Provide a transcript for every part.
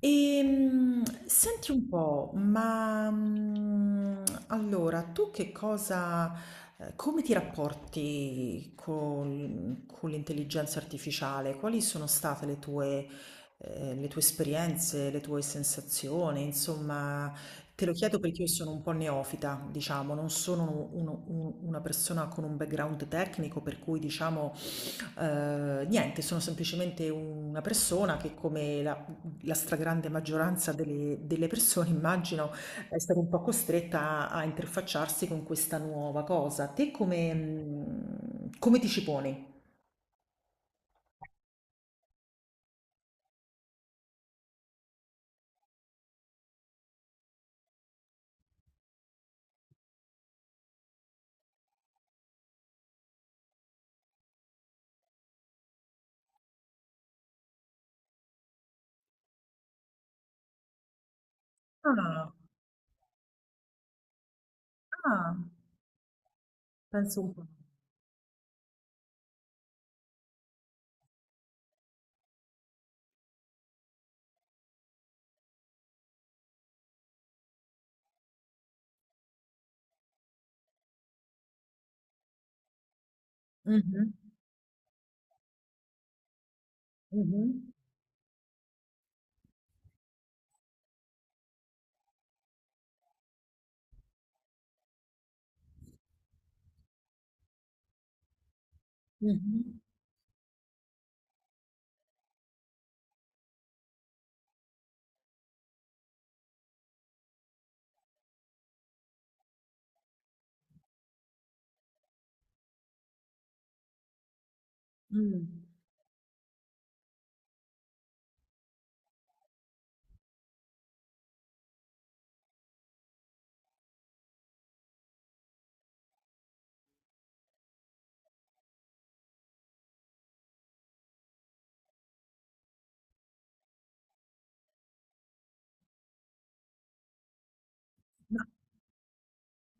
Senti un po', ma allora tu che cosa, come ti rapporti con l'intelligenza artificiale? Quali sono state le tue, le tue esperienze, le tue sensazioni? Insomma, te lo chiedo perché io sono un po' neofita, diciamo, non sono una persona con un background tecnico, per cui diciamo. Niente, sono semplicemente una persona che come la stragrande maggioranza delle persone, immagino, è stata un po' costretta a interfacciarsi con questa nuova cosa. Te come, come ti ci poni? Ah, ah, penso un po'. Mhm, mhm, mhm, mm.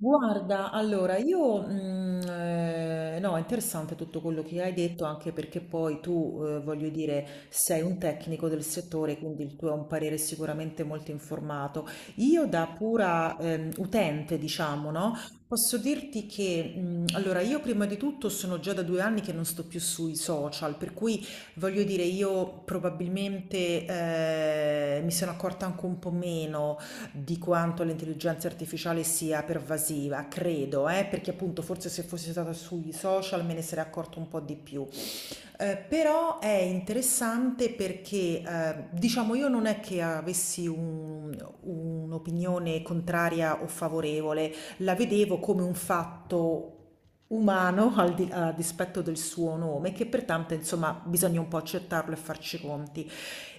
Guarda, allora io, no, è interessante tutto quello che hai detto, anche perché poi tu, voglio dire, sei un tecnico del settore, quindi il tuo è un parere sicuramente molto informato. Io da pura, utente, diciamo, no, posso dirti che, allora io prima di tutto sono già da 2 anni che non sto più sui social, per cui voglio dire io probabilmente, mi sono accorta anche un po' meno di quanto l'intelligenza artificiale sia pervasiva, credo, perché appunto forse se fosse stata sui social me ne sarei accorto un po' di più. Però è interessante perché diciamo io non è che avessi un'opinione contraria o favorevole, la vedevo come un fatto umano a dispetto del suo nome, che pertanto insomma bisogna un po' accettarlo e farci i conti.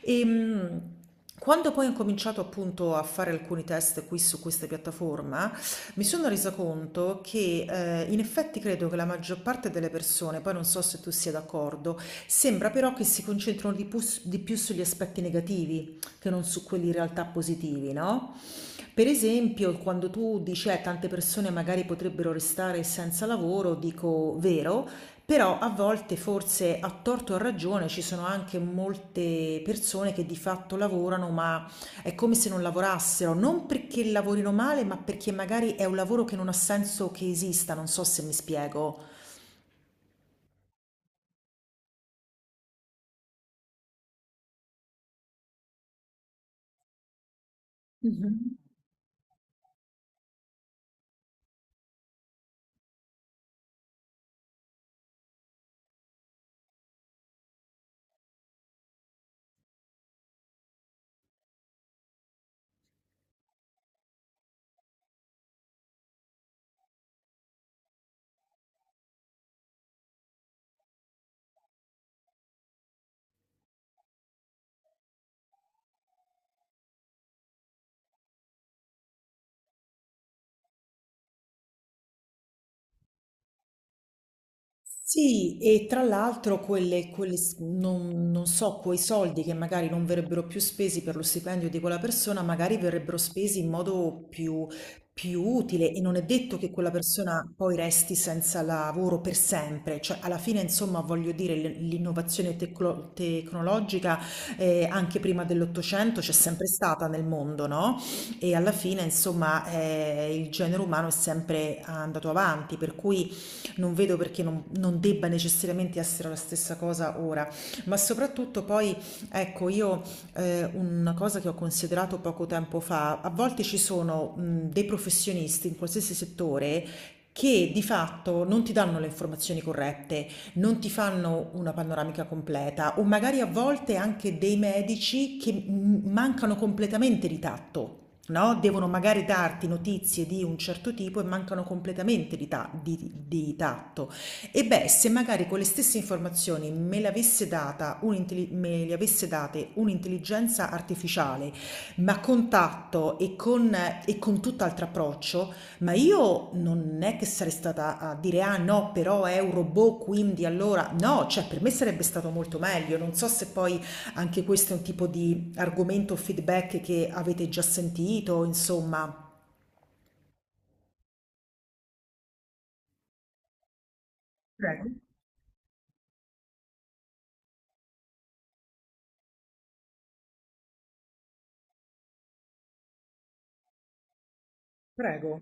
Ehm, Quando poi ho incominciato appunto a fare alcuni test qui su questa piattaforma, mi sono resa conto che in effetti credo che la maggior parte delle persone, poi non so se tu sia d'accordo, sembra però che si concentrano più di più sugli aspetti negativi che non su quelli in realtà positivi, no? Per esempio, quando tu dici tante persone magari potrebbero restare senza lavoro, dico vero, però a volte forse a torto o a ragione ci sono anche molte persone che di fatto lavorano, ma è come se non lavorassero, non perché lavorino male, ma perché magari è un lavoro che non ha senso che esista, non so se mi spiego. Mh-mh. Sì, e tra l'altro quelle non so, quei soldi che magari non verrebbero più spesi per lo stipendio di quella persona, magari verrebbero spesi in modo più utile e non è detto che quella persona poi resti senza lavoro per sempre, cioè alla fine insomma voglio dire l'innovazione tecnologica anche prima dell'Ottocento c'è sempre stata nel mondo, no? E alla fine insomma il genere umano è sempre andato avanti, per cui non vedo perché non debba necessariamente essere la stessa cosa ora, ma soprattutto poi, ecco, io una cosa che ho considerato poco tempo fa, a volte ci sono dei professionisti in qualsiasi settore che di fatto non ti danno le informazioni corrette, non ti fanno una panoramica completa o magari a volte anche dei medici che mancano completamente di tatto, no? Devono magari darti notizie di un certo tipo e mancano completamente di tatto. E beh, se magari quelle stesse informazioni me le avesse data me le avesse date un'intelligenza artificiale, ma con tatto e con tutt'altro approccio, ma io non è che sarei stata a dire ah no, però è un robot, quindi allora no, cioè per me sarebbe stato molto meglio. Non so se poi anche questo è un tipo di argomento o feedback che avete già sentito, insomma. Prego, prego.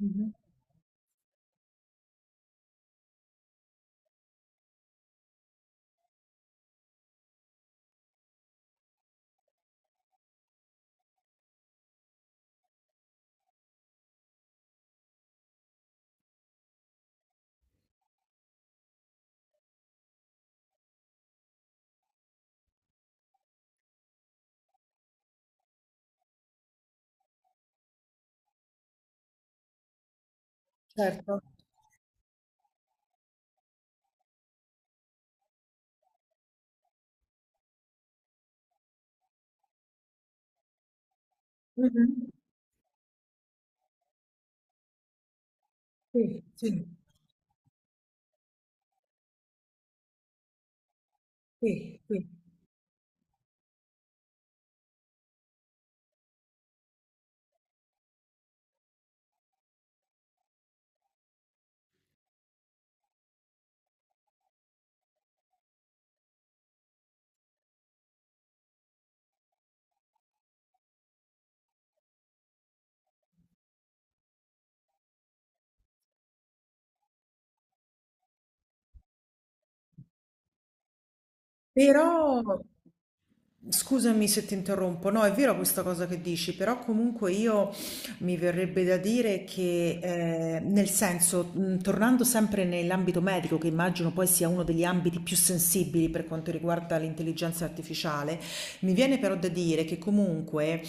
Mhm. Certo. Mhm. Sì, sì, sì, sì. Però, scusami se ti interrompo, no, è vero questa cosa che dici, però comunque io mi verrebbe da dire che, nel senso, tornando sempre nell'ambito medico, che immagino poi sia uno degli ambiti più sensibili per quanto riguarda l'intelligenza artificiale, mi viene però da dire che comunque,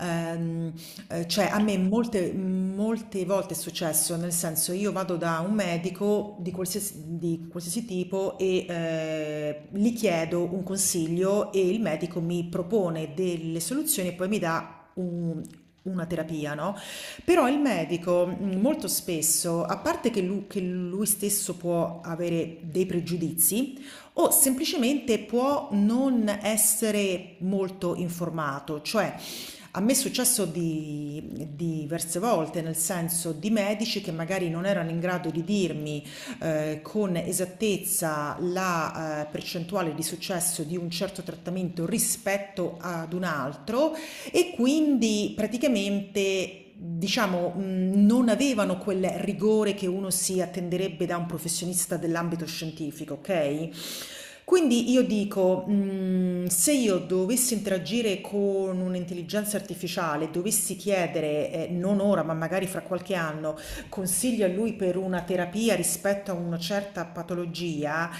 ehm, cioè a me molte volte è successo, nel senso io vado da un medico di qualsiasi tipo e gli chiedo un consiglio e il medico mi propone delle soluzioni e poi mi dà una terapia, no? Però il medico molto spesso, a parte che che lui stesso può avere dei pregiudizi, o semplicemente può non essere molto informato, cioè a me è successo di diverse volte, nel senso di medici che magari non erano in grado di dirmi, con esattezza la percentuale di successo di un certo trattamento rispetto ad un altro e quindi praticamente diciamo, non avevano quel rigore che uno si attenderebbe da un professionista dell'ambito scientifico, ok? Quindi io dico, se io dovessi interagire con un'intelligenza artificiale, dovessi chiedere, non ora, ma magari fra qualche anno, consigli a lui per una terapia rispetto a una certa patologia.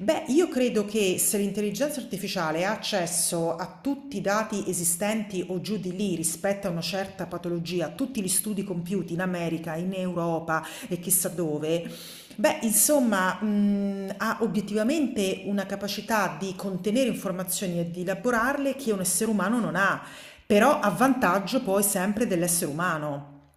Beh, io credo che se l'intelligenza artificiale ha accesso a tutti i dati esistenti o giù di lì rispetto a una certa patologia, a tutti gli studi compiuti in America, in Europa e chissà dove, beh, insomma, ha obiettivamente una capacità di contenere informazioni e di elaborarle che un essere umano non ha, però a vantaggio poi sempre dell'essere umano.